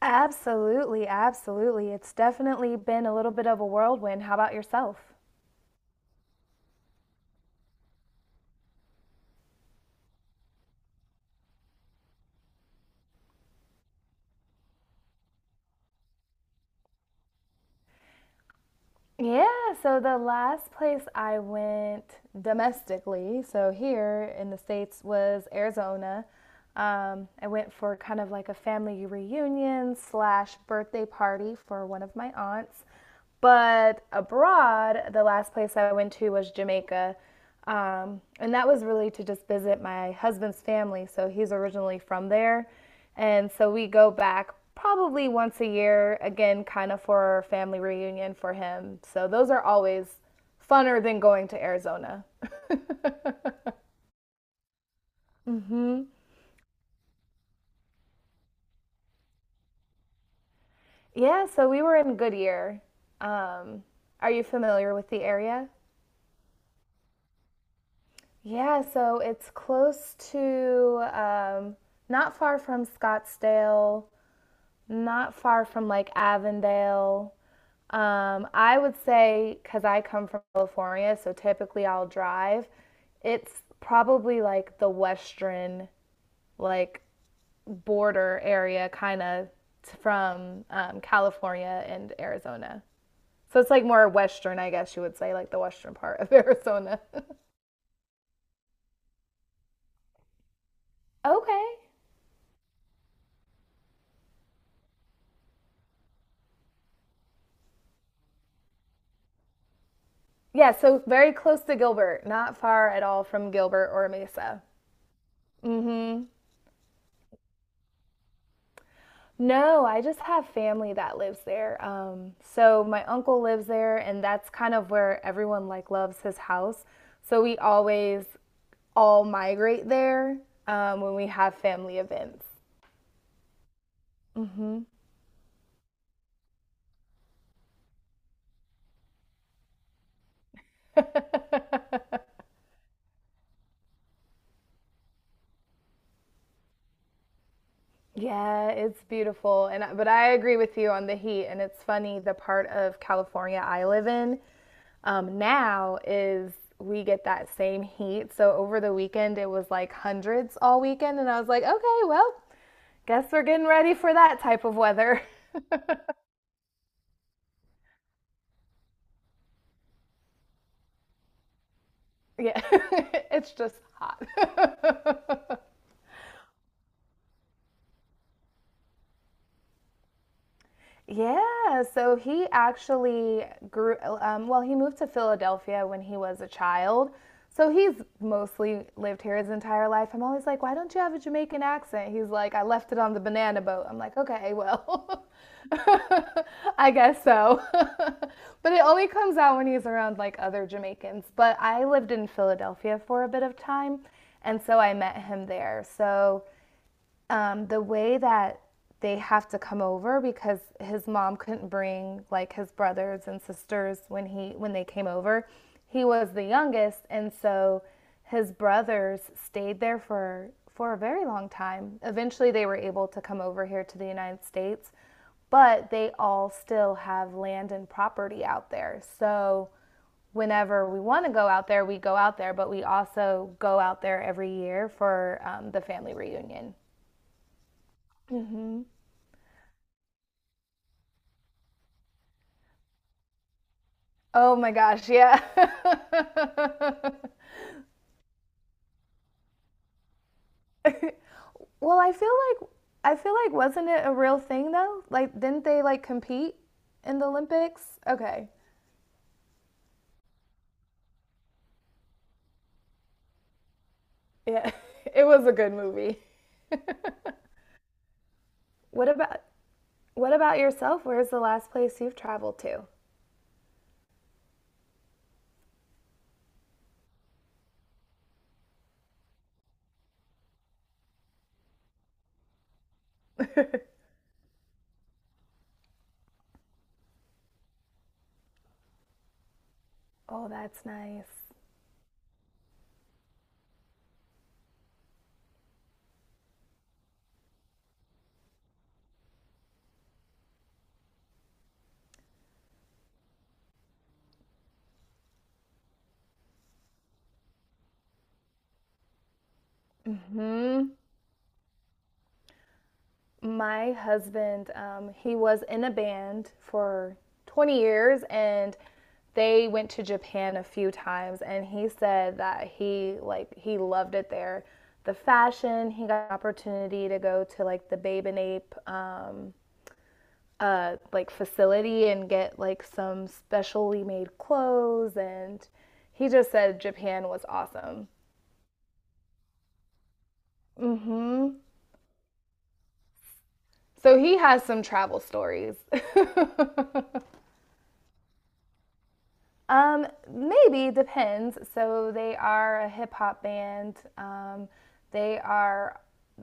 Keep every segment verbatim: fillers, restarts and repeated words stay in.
Absolutely, absolutely. It's definitely been a little bit of a whirlwind. How about yourself? Yeah, so the last place I went domestically, so here in the States, was Arizona. Um, I went for kind of like a family reunion slash birthday party for one of my aunts. But abroad, the last place I went to was Jamaica. Um, and that was really to just visit my husband's family. So he's originally from there. And so we go back probably once a year, again, kind of for a family reunion for him. So those are always funner than going to Arizona. Yeah, so we were in Goodyear. Um, are you familiar with the area? Yeah, so it's close to um, not far from Scottsdale, not far from like Avondale. Um, I would say, because I come from California, so typically I'll drive. It's probably like the western, like border area, kind of from um, California and Arizona. So it's like more western, I guess you would say, like the western part of Arizona. Okay. Yeah, so very close to Gilbert, not far at all from Gilbert or Mesa. Mm-hmm. No, I just have family that lives there. Um, so my uncle lives there, and that's kind of where everyone like loves his house. So we always all migrate there um, when we have family events. Hmm Yeah, it's beautiful, and I- but I agree with you on the heat. And it's funny, the part of California I live in um, now is we get that same heat. So over the weekend, it was like hundreds all weekend, and I was like, okay, well. Guess we're getting ready for that type of weather. Yeah, it's just hot. Yeah, so he actually grew, um, well, he moved to Philadelphia when he was a child. So he's mostly lived here his entire life. I'm always like, why don't you have a Jamaican accent? He's like, I left it on the banana boat. I'm like, okay, well, I guess so. But it only comes out when he's around like other Jamaicans. But I lived in Philadelphia for a bit of time, and so I met him there. So um, the way that they have to come over because his mom couldn't bring like his brothers and sisters when he when they came over. He was the youngest, and so his brothers stayed there for for a very long time. Eventually, they were able to come over here to the United States, but they all still have land and property out there. So whenever we want to go out there, we go out there, but we also go out there every year for um, the family reunion. Oh my gosh, yeah. Well, I feel like I feel like wasn't it a real thing though? Like didn't they like compete in the Olympics? Okay. Yeah. It was a good movie. What about what about yourself? Where's the last place you've traveled to? Oh, that's nice. My husband, um, he was in a band for twenty years, and they went to Japan a few times, and he said that he like he loved it there. The fashion, he got an opportunity to go to like the Babe and Ape um, uh, like facility and get like some specially made clothes, and he just said Japan was awesome. Hmm So he has some travel stories. Um, Maybe depends. So they are a hip hop band. Um, they are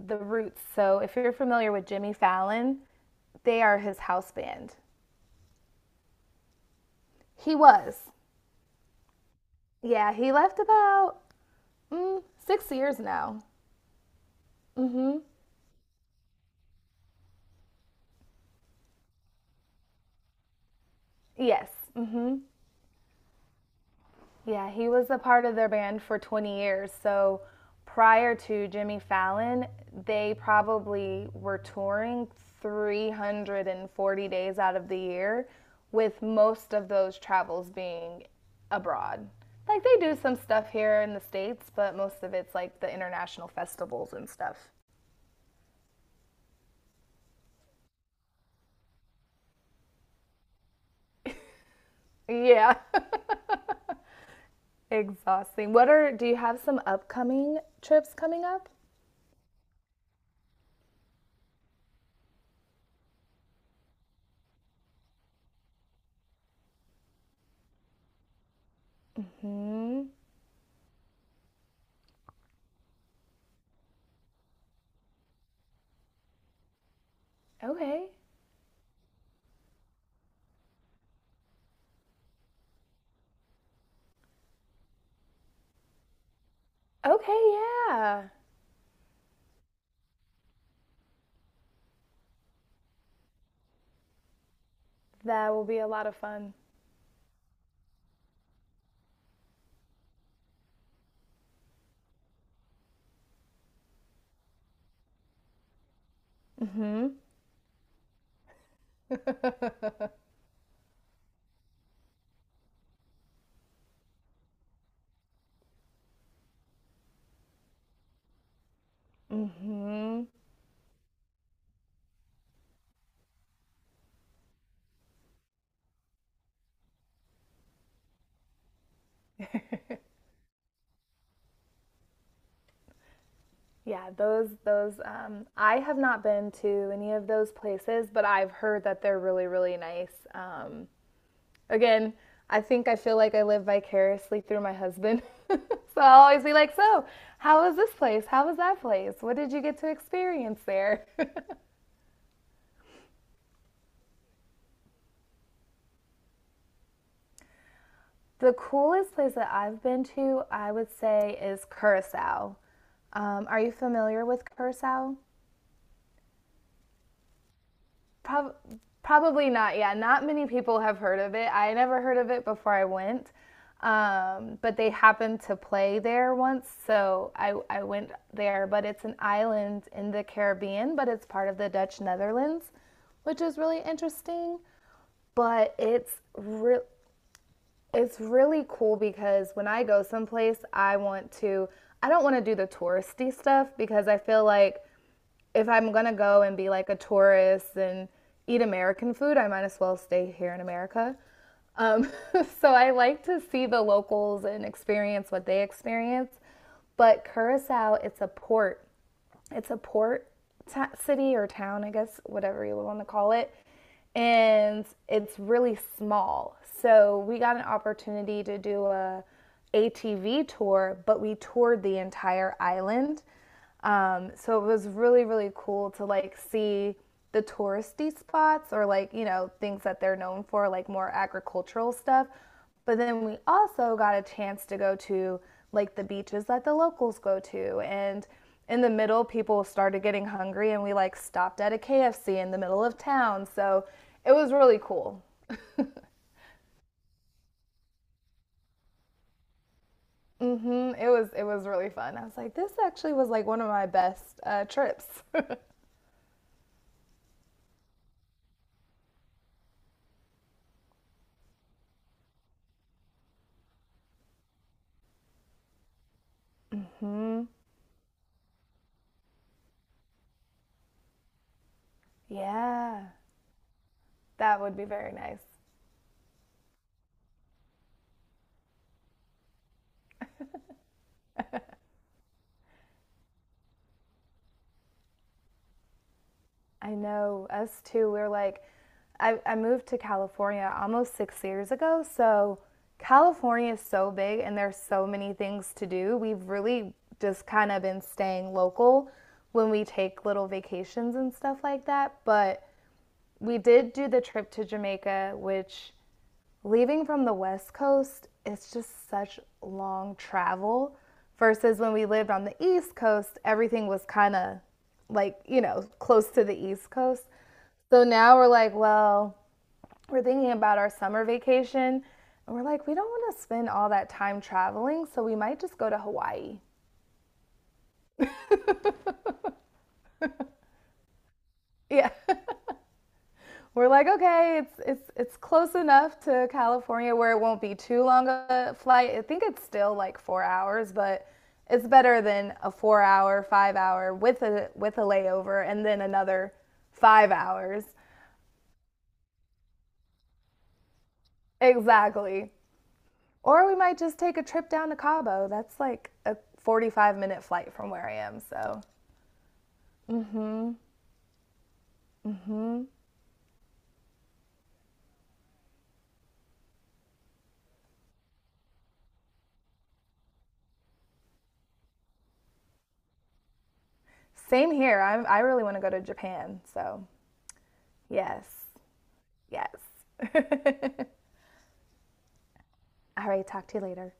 the Roots. So if you're familiar with Jimmy Fallon, they are his house band. He was. Yeah, he left about mm, six years now. Yes. Mhm. Yeah, he was a part of their band for twenty years. So prior to Jimmy Fallon, they probably were touring three hundred and forty days out of the year, with most of those travels being abroad. Like they do some stuff here in the States, but most of it's like the international festivals and stuff. Yeah, exhausting. What are, do you have some upcoming trips coming up? Mm, okay. Okay, yeah. That will be a lot of fun. Yeah, those those um I have not been to any of those places, but I've heard that they're really really nice. Um again, I think I feel like I live vicariously through my husband. So I'll always be like, "So, how was this place? How was that place? What did you get to experience there?" The coolest place that I've been to, I would say, is Curacao. Um, are you familiar with Curacao? Prob- Probably not. Yeah, not many people have heard of it. I never heard of it before I went, um, but they happened to play there once, so I, I went there. But it's an island in the Caribbean, but it's part of the Dutch Netherlands, which is really interesting. But it's re- it's really cool because when I go someplace, I want to. I don't want to do the touristy stuff because I feel like if I'm gonna go and be like a tourist and eat American food, I might as well stay here in America. Um, so I like to see the locals and experience what they experience. But Curacao, it's a port. It's a port t- city or town, I guess, whatever you want to call it. And it's really small. So we got an opportunity to do a ATV tour, but we toured the entire island. Um, so it was really, really cool to like see the touristy spots or like, you know, things that they're known for, like more agricultural stuff. But then we also got a chance to go to like the beaches that the locals go to. And in the middle, people started getting hungry, and we like stopped at a K F C in the middle of town. So it was really cool. hmm It was it was really fun. I was like, this actually was like one of my best uh, trips. Yeah, that would be very nice. I know us too. We're like, I, I moved to California almost six years ago. So California is so big and there's so many things to do. We've really just kind of been staying local when we take little vacations and stuff like that. But we did do the trip to Jamaica, which leaving from the West Coast, it's just such long travel. Versus when we lived on the East Coast, everything was kind of like, you know, close to the East Coast. So now we're like, well, we're thinking about our summer vacation. And we're like, we don't want to spend all that time traveling, so we might just go to Hawaii. Yeah. We're like, okay, it's it's it's close enough to California where it won't be too long a flight. I think it's still like four hours, but it's better than a four hour, five hour with a with a layover and then another five hours. Exactly. Or we might just take a trip down to Cabo. That's like a forty-five minute flight from where I am. So, same here. I'm, I really want to go to Japan. So, yes, yes. All right, talk to you later.